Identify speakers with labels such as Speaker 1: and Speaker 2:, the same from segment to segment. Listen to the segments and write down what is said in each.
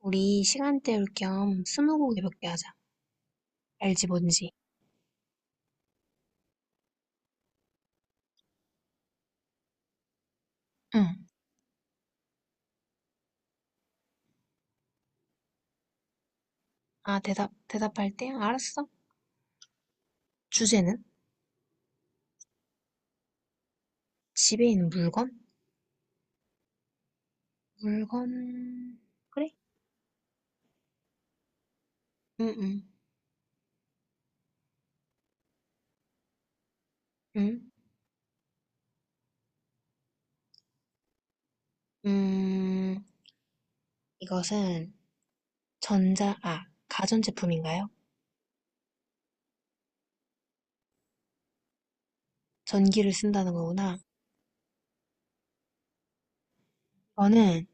Speaker 1: 우리 시간 때울 겸 스무고개 몇 개 하자. 알지 뭔지? 응. 아, 대답할 때? 알았어. 주제는? 집에 있는 물건? 물건, 그래? 응, 응, 응. 음, 이것은 전자, 아, 가전제품인가요? 전기를 쓴다는 거구나. 저는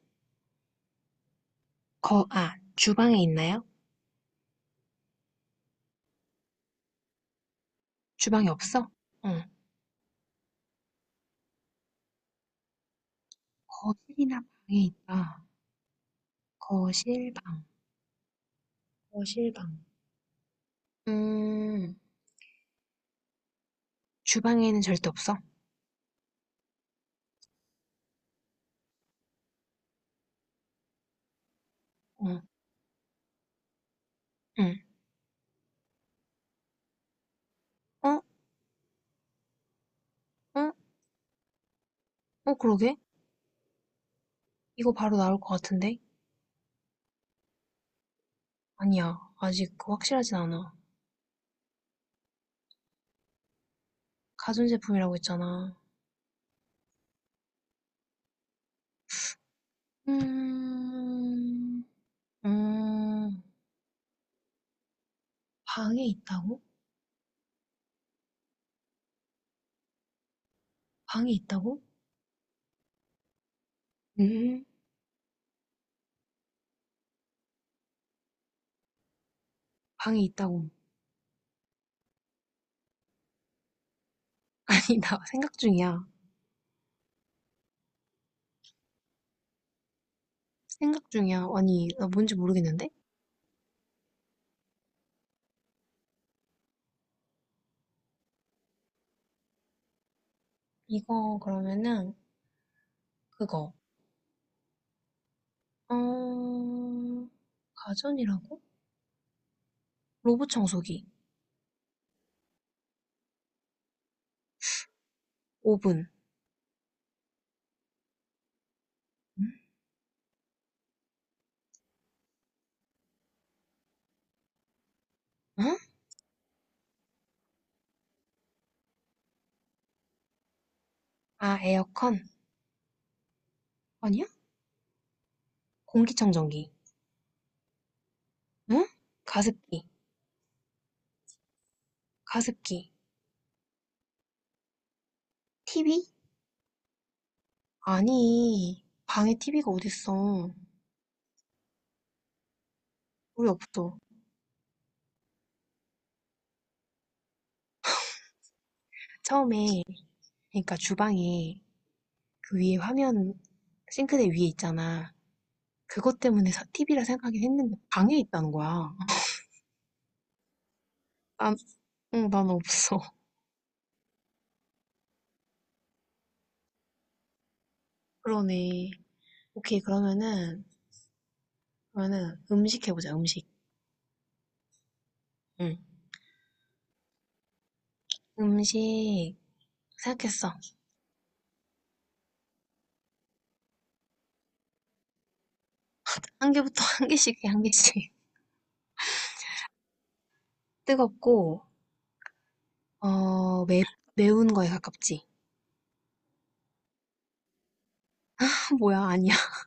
Speaker 1: 주방에 있나요? 주방에 없어? 응. 거실이나 방에 있다. 거실, 방. 거실, 방. 음, 주방에는 절대 없어. 어. 응. 어? 어? 어, 그러게? 이거 바로 나올 것 같은데? 아니야. 아직 그 확실하진 않아. 가전제품이라고 했잖아. 음, 음, 방에 있다고? 방에 있다고? 음, 방에 있다고. 아니, 나 생각 중이야. 생각 중이야. 아니, 나 뭔지 모르겠는데? 이거 그러면은, 그거. 어, 가전이라고? 로봇 청소기. 오븐. 응? 아, 에어컨? 아니야? 공기청정기. 응? 가습기, 가습기. TV? 아니, 방에 TV가 어딨어. 우리 없어. 처음에, 그러니까 주방에 그 위에 화면, 싱크대 위에 있잖아. 그것 때문에 TV라 생각하긴 했는데 방에 있다는 거야. 난, 응, 난 없어. 그러네. 오케이, 그러면은 음식 해보자, 음식. 응. 음식, 생각했어. 한 개부터 한 개씩 해, 한 개씩. 뜨겁고, 어, 매, 매운 거에 가깝지. 어, 뭐야, 아니야.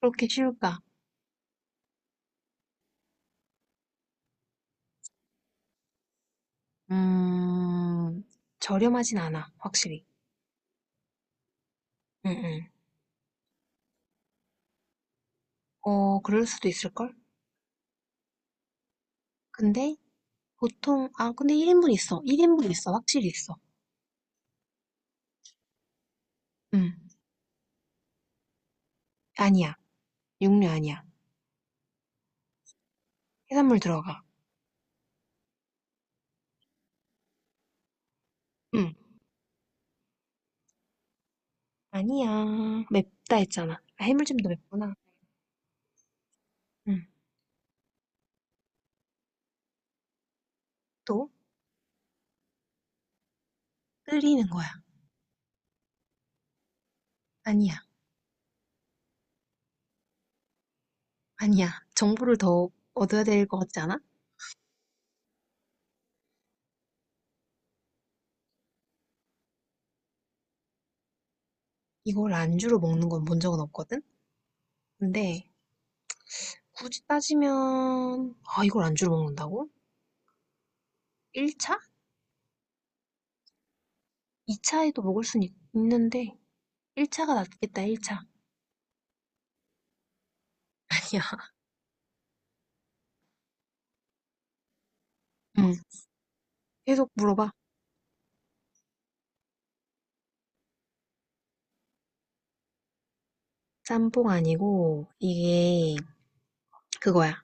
Speaker 1: 그렇게 쉬울까? 음, 저렴하진 않아, 확실히. 응, 응. 어, 그럴 수도 있을걸? 근데, 근데 1인분 있어. 1인분 있어, 확실히 있어. 응. 아니야. 육류 아니야. 해산물 들어가. 응. 아니야. 맵다 했잖아. 아, 해물찜도 맵구나. 응. 또, 끓이는 거야. 아니야. 아니야. 정보를 더 얻어야 될 것 같지 않아? 이걸 안주로 먹는 건 본 적은 없거든? 근데, 굳이 따지면, 아, 이걸 안주로 먹는다고? 1차? 2차에도 먹을 순 있, 는데 1차가 낫겠다, 1차. 아니 야, 응. 계속 물어봐. 짬뽕 아니고, 이게, 그거야.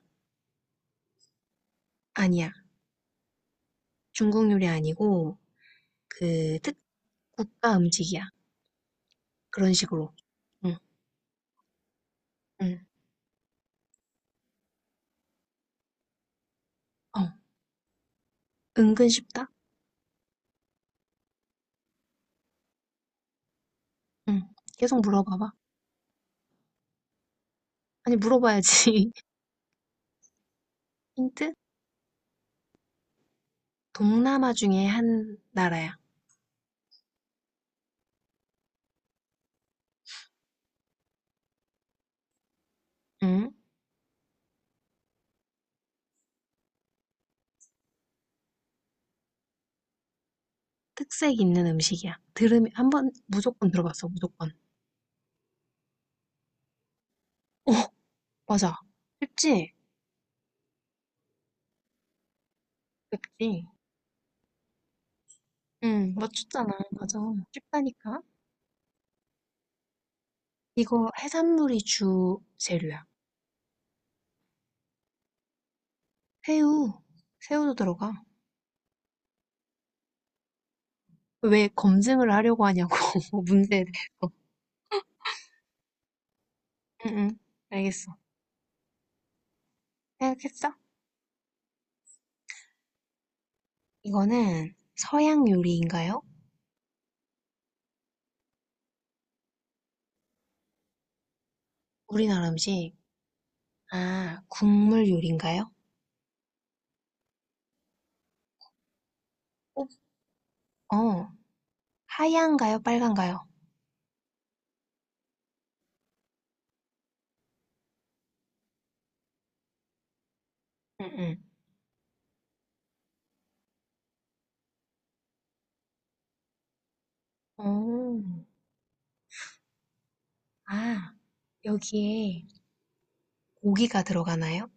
Speaker 1: 아니야. 중국 요리 아니고, 그, 특, 국가 음식이야. 그런 식으로. 응, 응. 어, 은근 쉽다? 응. 계속 물어봐봐. 아니, 물어봐야지. 힌트? 동남아 중에 한 나라야. 응? 특색 있는 음식이야. 들으면 한번 무조건 들어봤어, 무조건. 어, 맞아. 쉽지? 쉽지. 응, 맞췄잖아. 맞아. 쉽다니까. 이거 해산물이 주 재료야. 새우, 새우도 들어가. 왜 검증을 하려고 하냐고, 문제에 대해서. 응, 응, 알겠어. 생각했어? 이거는 서양 요리인가요? 우리나라 음식. 아, 국물 요리인가요? 어, 하얀가요? 빨간가요? 응, 응. 오. 아, 여기에 고기가 들어가나요?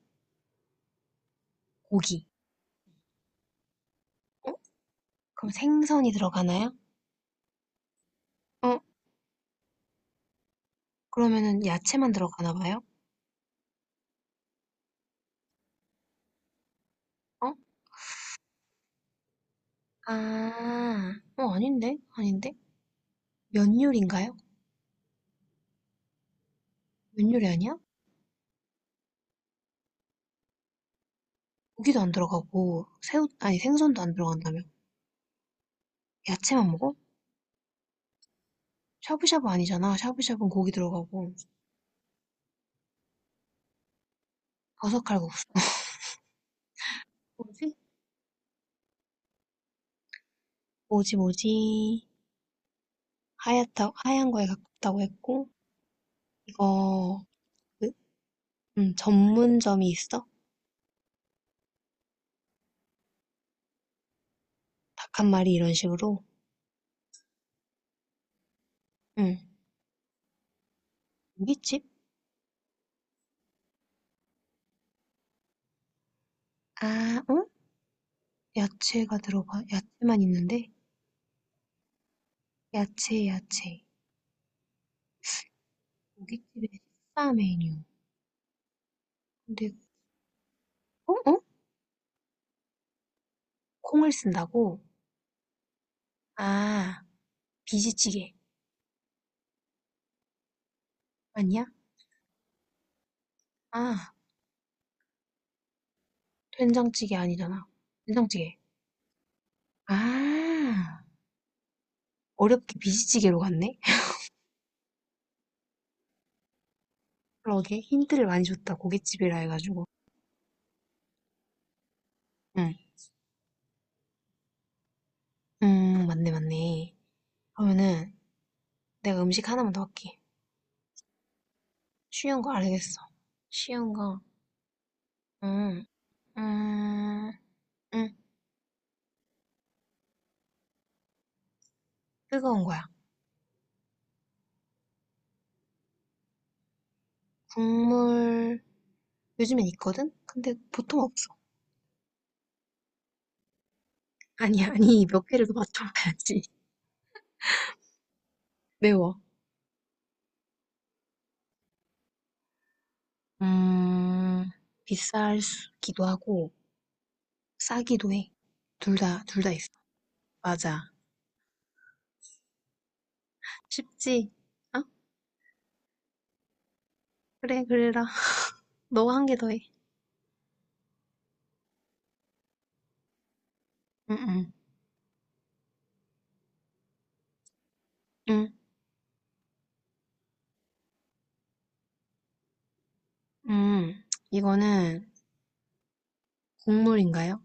Speaker 1: 고기. 어? 그럼 생선이 들어가나요? 어? 그러면은 야채만 들어가나 봐요? 어? 아, 어, 아닌데? 아닌데? 면 요리인가요? 면 요리 아니야? 고기도 안 들어가고, 새우, 아니, 생선도 안 들어간다며. 야채만 먹어? 샤브샤브 아니잖아. 샤브샤브는 고기 들어가고, 버섯칼국수. 뭐지? 뭐지, 뭐지? 하얗다, 하얀 거에 가깝다고 했고, 이거, 그, 전문점이 있어? 닭 한 마리 이런 식으로? 응. 고깃집? 아 어? 야채가 들어가 야채만 있는데? 야채 야채. 고깃집의 식사 메뉴. 근데 어? 어? 콩을 쓴다고? 아 비지찌개 아니야? 아 된장찌개 아니잖아. 된장찌개. 아 어렵게 비지찌개로 갔네? 그러게 힌트를 많이 줬다 고깃집이라 해가지고. 응. 맞네 맞네. 그러면은 내가 음식 하나만 더 할게. 쉬운 거 알겠어. 쉬운 거. 음. 음. 응, 뜨거운 거야. 국물, 요즘엔 있거든? 근데 보통 없어. 아니, 아니, 몇 개를 더 맞춰봐야지. 매워. 음, 비싸기도 하고, 싸기도 해. 둘 다, 둘 다 있어. 맞아. 쉽지? 어? 그래, 그래라. 너가 한 개 더 해. 응, 응, 응, 응 이거는 국물인가요?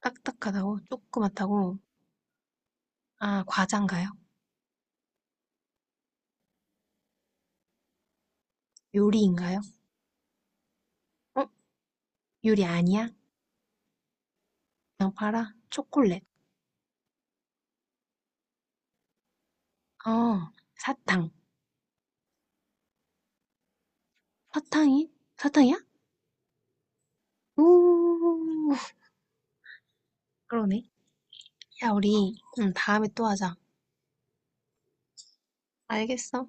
Speaker 1: 딱딱하다고? 조그맣다고? 아, 과자인가요? 요리인가요? 어? 요리 아니야? 그냥 봐라. 초콜릿. 어 사탕. 사탕이? 사탕이야? 오, 그러네. 야, 우리 응, 다음에 또 하자. 알겠어.